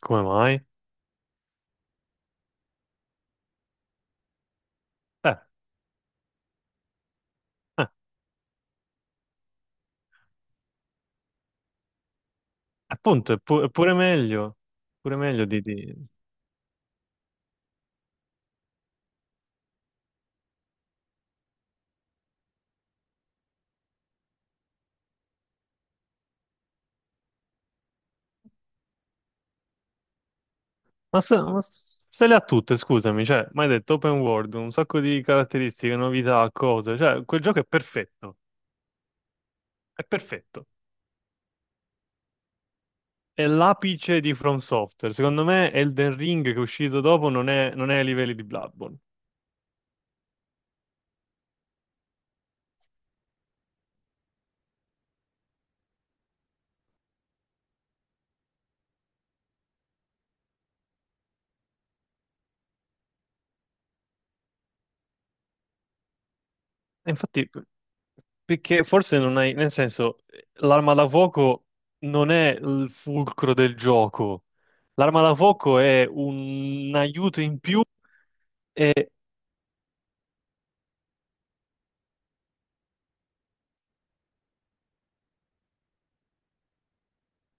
Come mai? Eh, eh, Appunto, è pure meglio di... Ma se le ha tutte, scusami, cioè, mi hai detto open world, un sacco di caratteristiche, novità, cose, cioè, quel gioco è perfetto, è perfetto. È l'apice di From Software. Secondo me Elden Ring che è uscito dopo non è ai livelli di Bloodborne. E infatti, perché forse non hai... Nel senso, l'arma da fuoco non è il fulcro del gioco. L'arma da fuoco è un aiuto in più. E,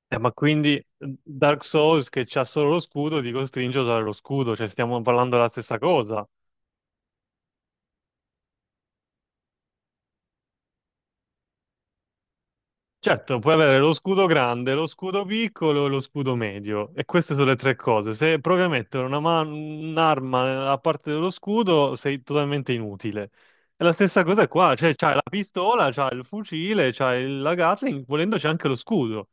ma quindi Dark Souls che c'ha solo lo scudo ti costringe a usare lo scudo, cioè stiamo parlando della stessa cosa. Certo, puoi avere lo scudo grande, lo scudo piccolo e lo scudo medio, e queste sono le tre cose. Se provi a mettere un'arma nella parte dello scudo, sei totalmente inutile. E la stessa cosa è qua, cioè c'hai la pistola, c'hai il fucile, c'hai la Gatling, volendo c'è anche lo scudo.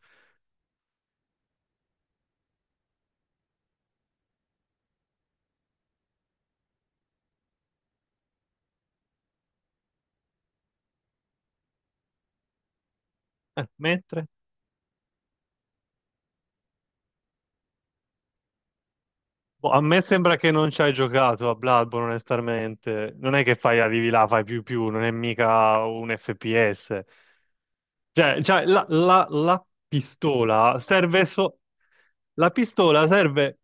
Mentre? Boh, a me sembra che non ci hai giocato a Bloodborne, onestamente. Non è che fai arrivi là, fai più più, non è mica un FPS. Cioè, la pistola serve so... La pistola serve...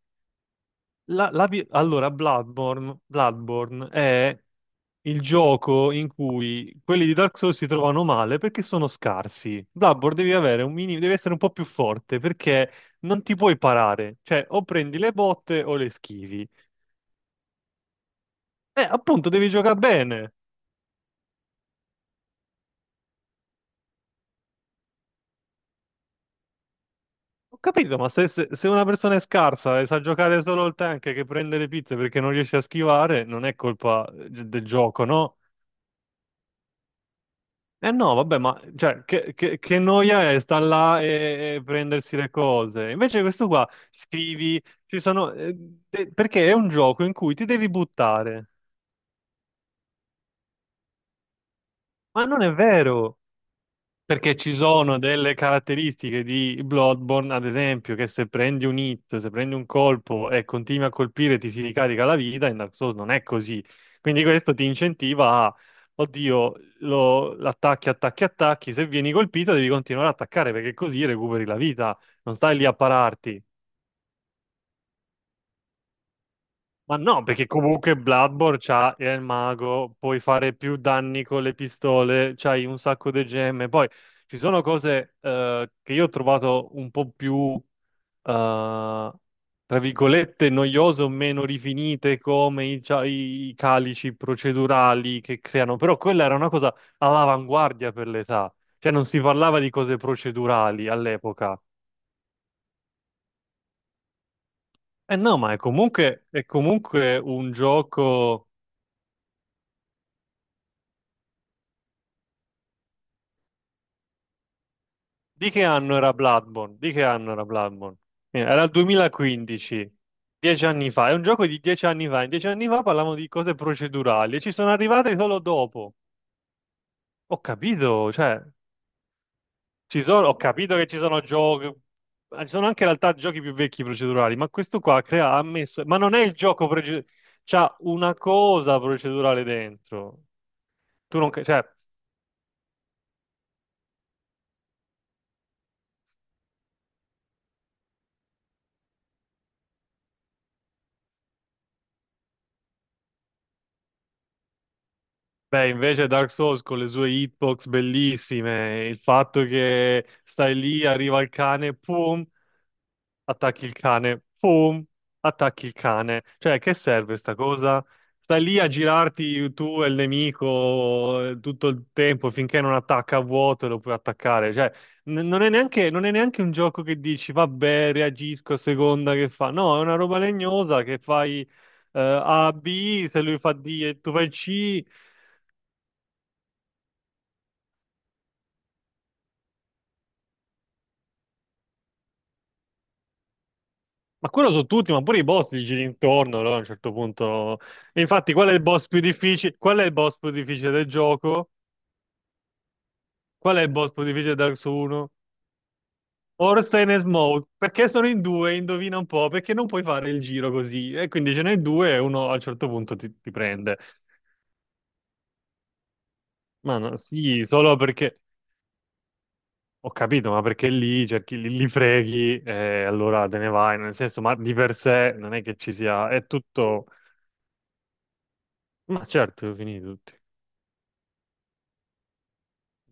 Allora, Bloodborne è il gioco in cui quelli di Dark Souls si trovano male perché sono scarsi. Bloodborne devi avere un minimo, devi essere un po' più forte perché non ti puoi parare. Cioè, o prendi le botte o le schivi. Appunto, devi giocare bene. Ho capito, ma se una persona è scarsa e sa giocare solo il tank che prende le pizze perché non riesce a schivare, non è colpa del gioco, no? Eh no, vabbè, ma cioè, che noia è sta là e prendersi le cose. Invece questo qua, scrivi, ci sono... perché è un gioco in cui ti devi buttare. Ma non è vero! Perché ci sono delle caratteristiche di Bloodborne, ad esempio, che se prendi un hit, se prendi un colpo e continui a colpire ti si ricarica la vita, in Dark Souls non è così. Quindi questo ti incentiva a, oddio, lo, attacchi, attacchi, attacchi, se vieni colpito devi continuare ad attaccare perché così recuperi la vita, non stai lì a pararti. Ma no, perché comunque Bloodborne c'ha è il mago, puoi fare più danni con le pistole, c'hai un sacco di gemme. Poi ci sono cose che io ho trovato un po' più, eh, tra virgolette, noiose o meno rifinite, come i calici procedurali che creano. Però quella era una cosa all'avanguardia per l'età. Cioè non si parlava di cose procedurali all'epoca. Eh no, ma è comunque un gioco. Di che anno era Bloodborne? Di che anno era Bloodborne? Era il 2015, 10 anni fa. È un gioco di 10 anni fa. In 10 anni fa parlavamo di cose procedurali e ci sono arrivate solo dopo. Ho capito, cioè, ci sono, ho capito che ci sono giochi, ci sono anche in realtà giochi più vecchi procedurali, ma questo qua crea, ha messo, ma non è il gioco procedurale, c'ha una cosa procedurale dentro. Tu non, cioè, beh, invece Dark Souls con le sue hitbox bellissime, il fatto che stai lì, arriva il cane, pum, attacchi il cane, pum, attacchi il cane. Cioè, che serve sta cosa? Stai lì a girarti tu e il nemico tutto il tempo finché non attacca a vuoto e lo puoi attaccare. Cioè, non è neanche un gioco che dici, vabbè, reagisco a seconda che fa. No, è una roba legnosa che fai A, B, se lui fa D e tu fai C. Ma quello su tutti, ma pure i boss li giri intorno, allora a un certo punto... E infatti, qual è il boss più difficile? Qual è il boss più difficile del gioco? Qual è il boss più difficile di Dark Souls 1? Ornstein e Smoke. Perché sono in due? Indovina un po', perché non puoi fare il giro così. E quindi ce n'è due e uno a un certo punto ti prende. Ma no, sì, solo perché... Ho capito, ma perché lì cerchi, li freghi e allora te ne vai. Nel senso, ma di per sé non è che ci sia... È tutto... Ma certo, ho finito tutti.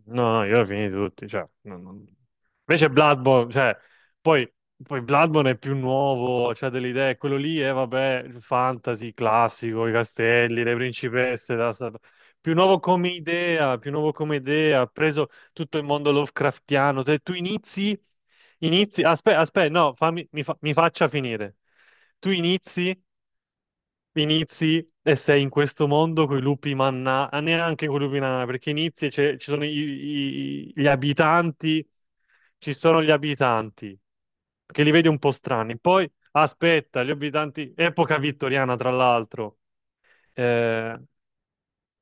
No, no, io ho finiti tutti, cioè, invece Bloodborne, cioè, poi, poi Bloodborne è più nuovo, c'ha delle idee, quello lì è, vabbè, fantasy classico, i castelli, le principesse, più nuovo come idea, ha preso tutto il mondo Lovecraftiano, se tu inizi, inizi, aspetta, aspetta, no, mi faccia finire, tu inizi e sei in questo mondo con i lupi manna, ah, neanche con i lupi nana, perché inizi e c'è- ci sono i- i- gli abitanti, ci sono gli abitanti, che li vedi un po' strani. Poi, aspetta, gli abitanti, epoca vittoriana tra l'altro, eh,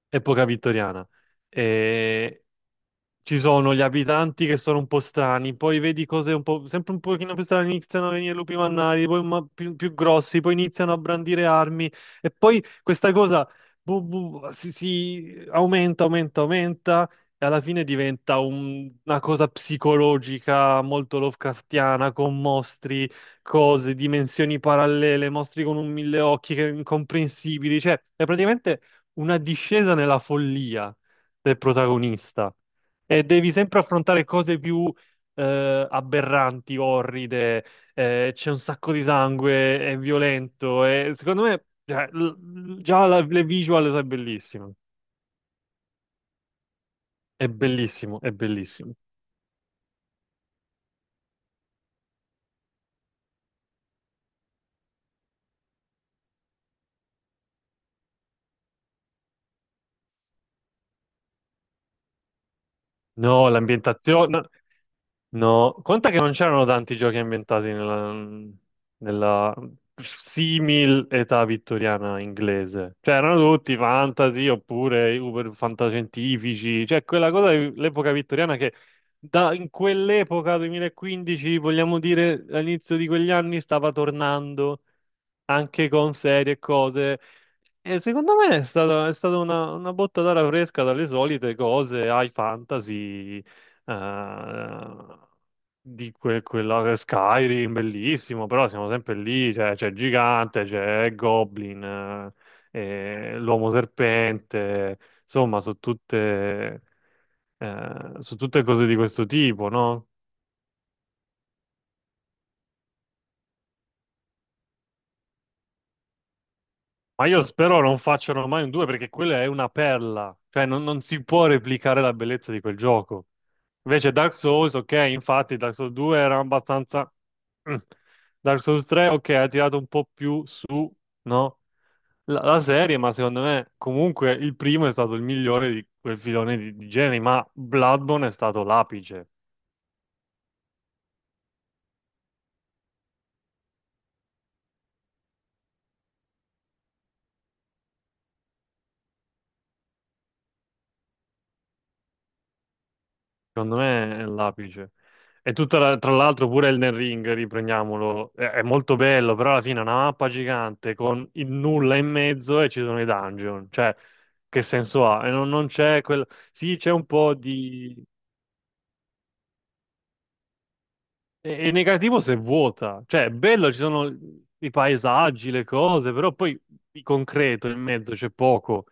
epoca vittoriana. Eh, Ci sono gli abitanti che sono un po' strani, poi vedi cose un po', sempre un pochino più strane, iniziano a venire lupi mannari, poi più, più grossi, poi iniziano a brandire armi e poi questa cosa si aumenta, aumenta, aumenta e alla fine diventa una cosa psicologica molto Lovecraftiana con mostri, cose, dimensioni parallele, mostri con un mille occhi che incomprensibili, cioè è praticamente una discesa nella follia del protagonista. E devi sempre affrontare cose più aberranti, orride, c'è un sacco di sangue, è violento. E secondo me, cioè, già le visual sono bellissime. È bellissimo, è bellissimo. No, l'ambientazione. No, no, conta che non c'erano tanti giochi ambientati nella simil età vittoriana inglese. Cioè, erano tutti fantasy oppure uber fantascientifici, cioè quella cosa dell'epoca vittoriana che da, in quell'epoca, 2015, vogliamo dire all'inizio di quegli anni, stava tornando anche con serie e cose. E secondo me è stata una botta d'aria fresca dalle solite cose, high fantasy, eh, di quella Skyrim, bellissimo, però siamo sempre lì, cioè, c'è il Gigante, c'è il Goblin, e l'Uomo Serpente, insomma, sono tutte cose di questo tipo, no? Ma io spero non facciano mai un 2 perché quella è una perla, cioè non si può replicare la bellezza di quel gioco. Invece Dark Souls, ok, infatti Dark Souls 2 era abbastanza... Mm. Dark Souls 3, ok, ha tirato un po' più su, no? La serie, ma secondo me comunque il primo è stato il migliore di quel filone di generi, ma Bloodborne è stato l'apice. Secondo me è l'apice. E tra l'altro pure Elden Ring, riprendiamolo, è molto bello, però alla fine è una mappa gigante con il nulla in mezzo e ci sono i dungeon. Cioè, che senso ha? E non c'è quel... Sì, c'è un po' di... E negativo se è vuota, cioè è bello, ci sono i paesaggi, le cose, però poi di concreto in mezzo c'è poco.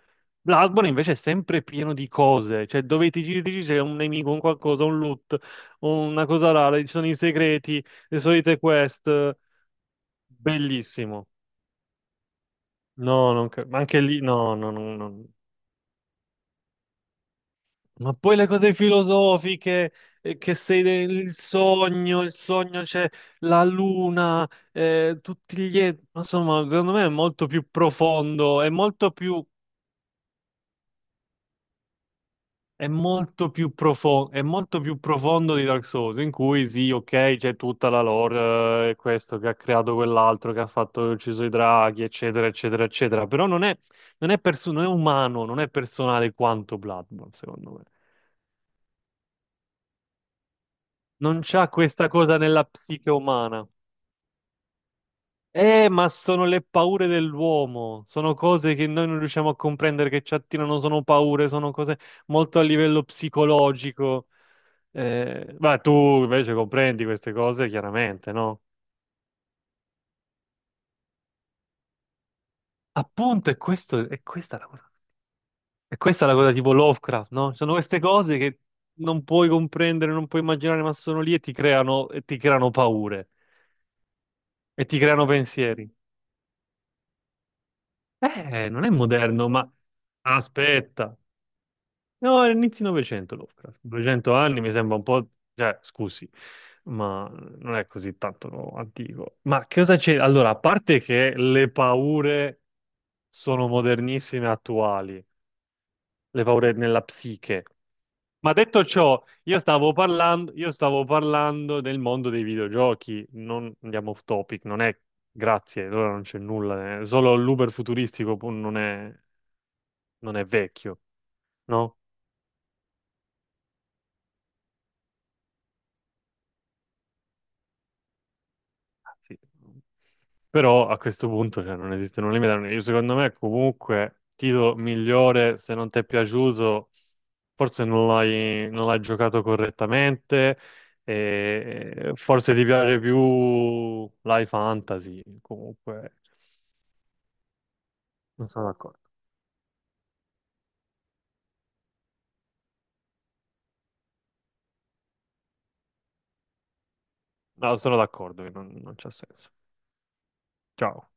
Bloodborne invece è sempre pieno di cose, cioè dove ti giri c'è un nemico, un qualcosa, un loot, una cosa rara, ci sono i segreti, le solite quest, bellissimo. No, non cre- ma anche lì, no, no, no, no. Ma poi le cose filosofiche, che sei il sogno c'è la luna, tutti gli... Insomma, secondo me è molto più profondo, è molto più profondo di Dark Souls, in cui sì, ok, c'è tutta la lore, questo che ha creato quell'altro, che ha fatto, ucciso i draghi, eccetera, eccetera, eccetera, però non è umano, non è personale quanto Bloodborne, secondo me. Non c'ha questa cosa nella psiche umana. Ma sono le paure dell'uomo, sono cose che noi non riusciamo a comprendere, che ci attirano, sono paure, sono cose molto a livello psicologico. Ma tu invece comprendi queste cose, chiaramente, no? Appunto, è questo, è questa la cosa. E questa è la cosa tipo Lovecraft, no? Ci sono queste cose che non puoi comprendere, non puoi immaginare, ma sono lì e ti creano paure, e ti creano pensieri. Non è moderno, ma aspetta. No, inizi Novecento Lovecraft. 200 anni mi sembra un po'... Cioè, scusi, ma non è così tanto antico. Ma che cosa c'è? Allora, a parte che le paure sono modernissime e attuali, le paure nella psiche. Ma detto ciò, io stavo parlando del mondo dei videogiochi, non andiamo off topic, non è... Grazie, allora non c'è nulla, eh. Solo l'Uber futuristico pur non è vecchio, no? Sì. Però a questo punto cioè, non esistono limiti. Io secondo me comunque titolo migliore, se non ti è piaciuto, forse non l'hai giocato correttamente, e forse ti piace più Life Fantasy, comunque non sono d'accordo. No, sono d'accordo che non c'ha senso. Ciao.